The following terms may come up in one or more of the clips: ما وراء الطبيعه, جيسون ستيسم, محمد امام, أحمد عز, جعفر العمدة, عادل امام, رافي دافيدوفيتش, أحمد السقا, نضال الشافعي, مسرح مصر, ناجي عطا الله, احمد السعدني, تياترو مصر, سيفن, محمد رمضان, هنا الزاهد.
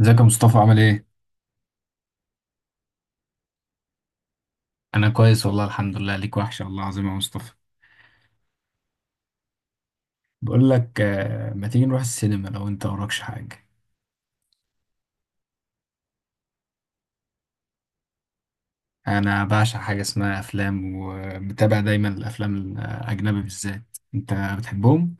ازيك يا مصطفى؟ عامل ايه؟ انا كويس والله، الحمد لله. ليك وحشة والله العظيم يا مصطفى. بقول لك ما تيجي نروح السينما لو انت وراكش حاجة؟ انا بعشق حاجة اسمها افلام، ومتابع دايما الافلام الاجنبي بالذات. انت بتحبهم؟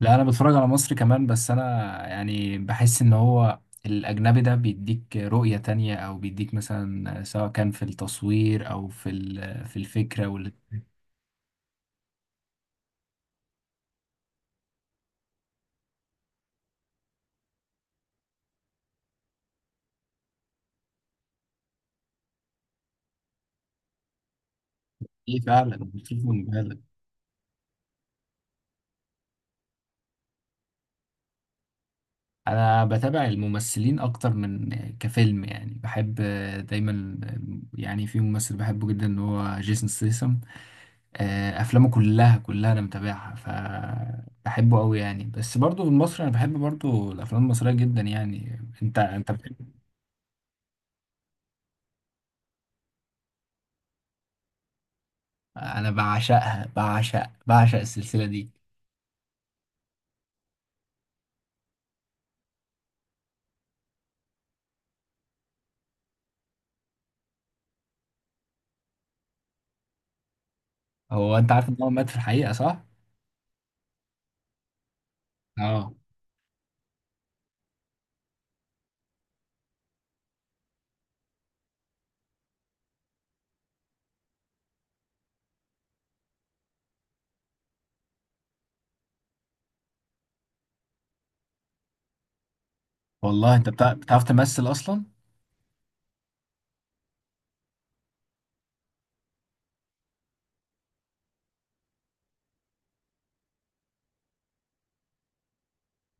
لا انا بتفرج على مصري كمان، بس انا بحس ان هو الاجنبي ده بيديك رؤية تانية، او بيديك مثلا سواء كان في التصوير او في في الفكرة واللي فعلا بتشوفه من بالك. انا بتابع الممثلين اكتر من كفيلم، يعني بحب دايما، يعني في ممثل بحبه جدا اللي هو جيسون ستيسم. افلامه كلها انا متابعها، فبحبه قوي يعني. بس برضو في مصر انا بحب برضو الافلام المصريه جدا يعني. انت بتحب؟ انا بعشقها، بعشق السلسله دي. هو انت عارف ان هو مات في الحقيقه صح؟ اه. والله انت بتعرف تمثل اصلا؟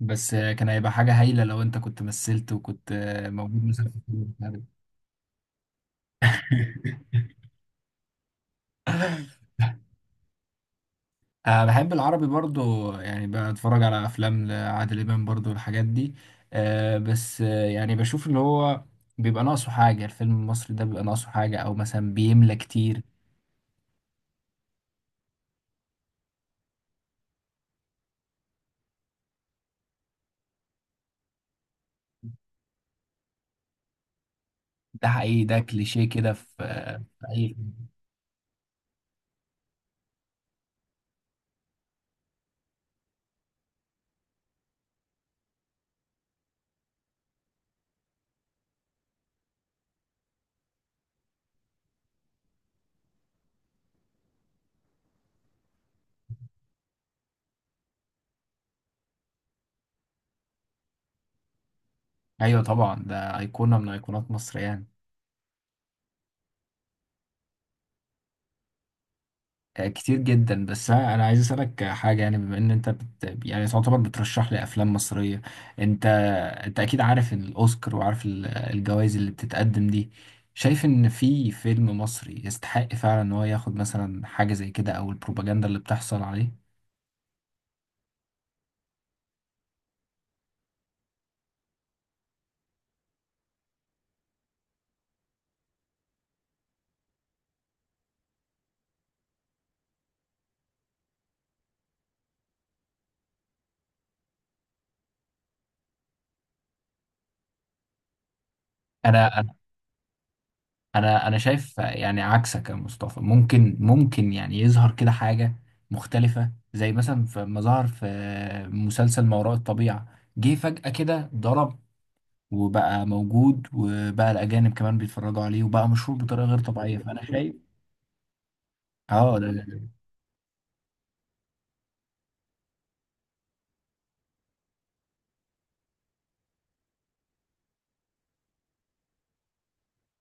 بس كان هيبقى حاجه هايله لو انت كنت مثلت وكنت موجود مثلا في الفيلم. أه بحب العربي برضو يعني، بتفرج على أفلام لعادل إمام برضو الحاجات دي. أه بس يعني بشوف اللي هو بيبقى ناقصه حاجة. الفيلم المصري ده بيبقى ناقصه حاجة، أو مثلا بيملى كتير. ده حقيقي، ده كليشيه كده في في أي. أيوة طبعا، ده أيقونة من أيقونات مصر يعني. كتير جدا. بس أنا عايز اسالك حاجه، يعني بما ان انت يعني تعتبر بترشح لي افلام مصريه. انت انت اكيد عارف الاوسكار وعارف الجوائز اللي بتتقدم دي. شايف ان في فيلم مصري يستحق فعلا ان هو ياخد مثلا حاجه زي كده، او البروباجندا اللي بتحصل عليه؟ انا انا انا أنا شايف يعني عكسك يا مصطفى، ممكن يعني يظهر كده حاجه مختلفه، زي مثلا ما ظهر في مسلسل ما وراء الطبيعه. جه فجأة كده ضرب وبقى موجود، وبقى الأجانب كمان بيتفرجوا عليه، وبقى مشهور بطريقة غير طبيعية. فأنا شايف. اه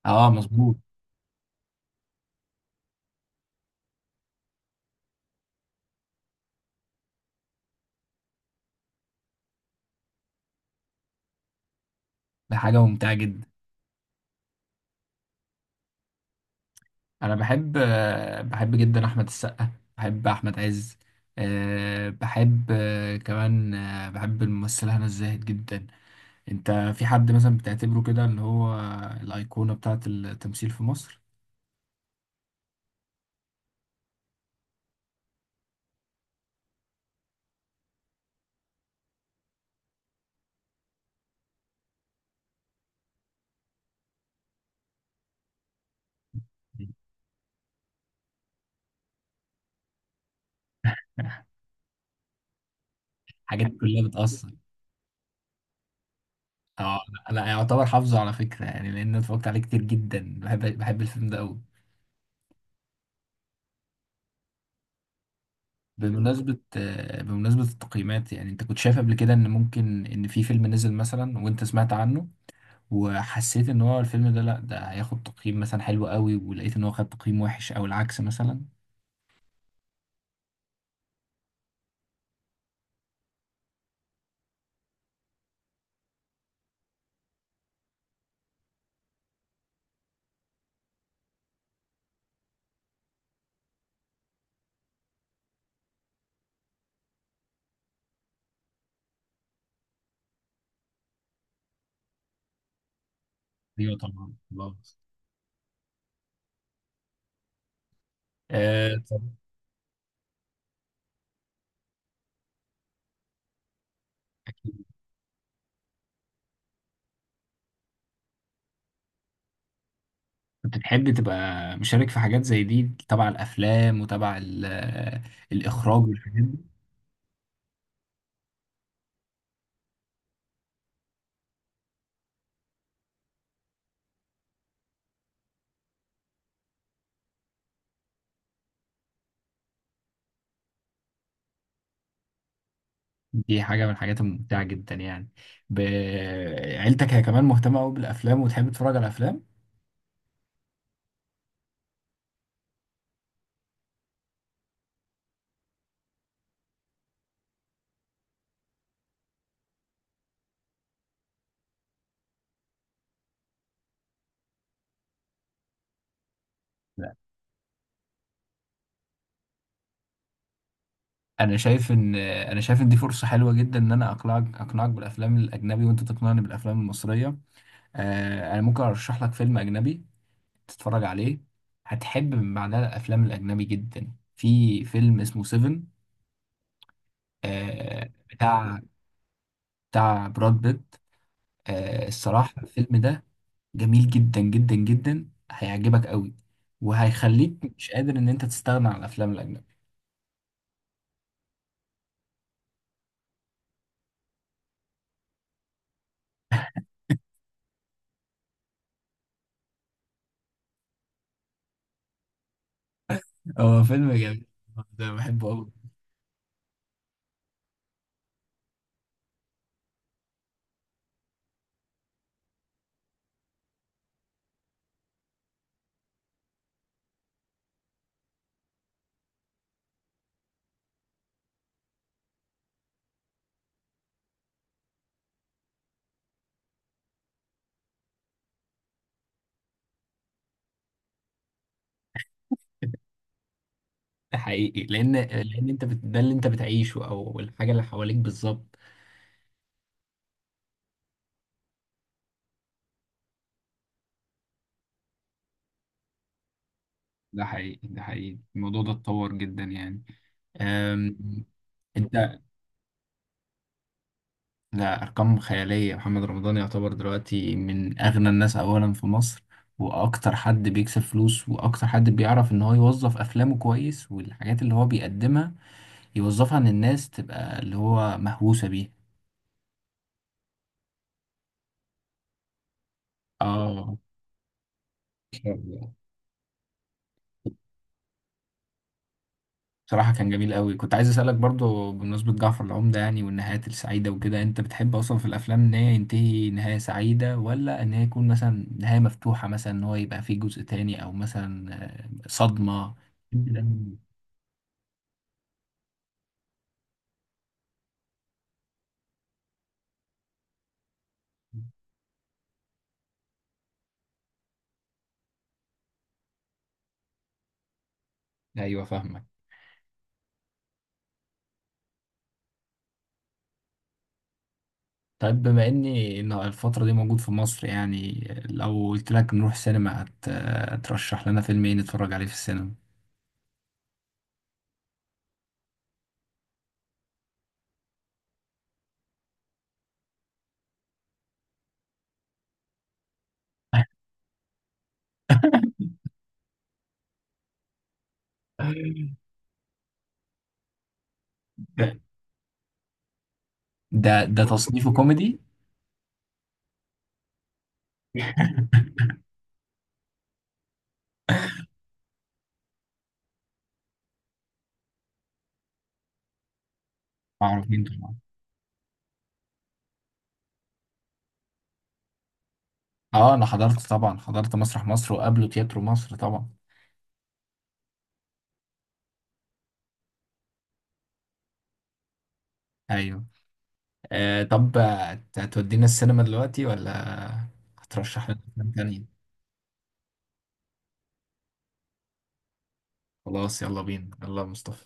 اه مظبوط. ده حاجة ممتعة جدا. أنا بحب بحب جدا أحمد السقا، بحب أحمد عز، أه بحب، أه كمان أه بحب الممثلة هنا الزاهد جدا. أنت في حد مثلا بتعتبره كده اللي هو الأيقونة بتاعة التمثيل في مصر؟ الحاجات دي كلها بتأثر. اه. لا لا، يعتبر حافظه على فكرة يعني، لأن أنا اتفرجت عليه كتير جدا. بحب الفيلم ده أوي. بمناسبة بمناسبة التقييمات، يعني انت كنت شايف قبل كده ان ممكن ان في فيلم نزل مثلا وانت سمعت عنه وحسيت ان هو الفيلم ده لا، ده هياخد تقييم مثلا حلو قوي، ولقيت ان هو خد تقييم وحش، او العكس مثلا؟ ايوه طبعا، خلاص. طب. أكيد. كنت تحب تبقى مشارك في حاجات زي دي، تبع الافلام وتبع الاخراج والحاجات دي؟ دي حاجة من الحاجات الممتعة جدا يعني. ب- عيلتك هي كمان مهتمة قوي بالافلام وتحب تتفرج على الافلام؟ انا شايف ان دي فرصه حلوه جدا ان انا اقنعك بالافلام الاجنبي وانت تقنعني بالافلام المصريه. آه انا ممكن ارشح لك فيلم اجنبي تتفرج عليه، هتحب من بعدها الافلام الاجنبي جدا. في فيلم اسمه سيفن، آه بتاع براد بيت. آه الصراحه الفيلم ده جميل جدا، هيعجبك قوي، وهيخليك مش قادر ان انت تستغنى عن الافلام الاجنبي. هو فيلم جميل ده، بحبه قوي. ده حقيقي، لان انت ده اللي انت بتعيشه او الحاجه اللي حواليك بالظبط. ده حقيقي، الموضوع ده اتطور جدا يعني. أم... انت. لا، ارقام خياليه. محمد رمضان يعتبر دلوقتي من اغنى الناس اولا في مصر، واكتر حد بيكسب فلوس، واكتر حد بيعرف ان هو يوظف افلامه كويس، والحاجات اللي هو بيقدمها يوظفها ان الناس تبقى اللي هو مهووسه بيه. اه، ما شاء الله. بصراحة كان جميل قوي. كنت عايز أسألك برضو بمناسبة جعفر العمدة، يعني والنهايات السعيدة وكده، أنت بتحب أصلا في الأفلام إن هي ينتهي نهاية سعيدة، ولا إن هي يكون مثلا نهاية مفتوحة، مثلا إن هو يبقى فيه جزء تاني، أو مثلا صدمة كده؟ أيوه فاهمك. طيب بما إني إن الفترة دي موجود في مصر يعني، لو قلت لك نروح سينما، هترشح لنا فيلم إيه نتفرج عليه في السينما؟ ده ده تصنيفه كوميدي؟ معروفين طبعا. اه انا حضرت طبعا، حضرت مسرح مصر وقبله تياترو مصر طبعا. ايوه. آه طب، هتودينا السينما دلوقتي، ولا هترشح لنا افلام تانية؟ خلاص يلا بينا، يلا يا مصطفى.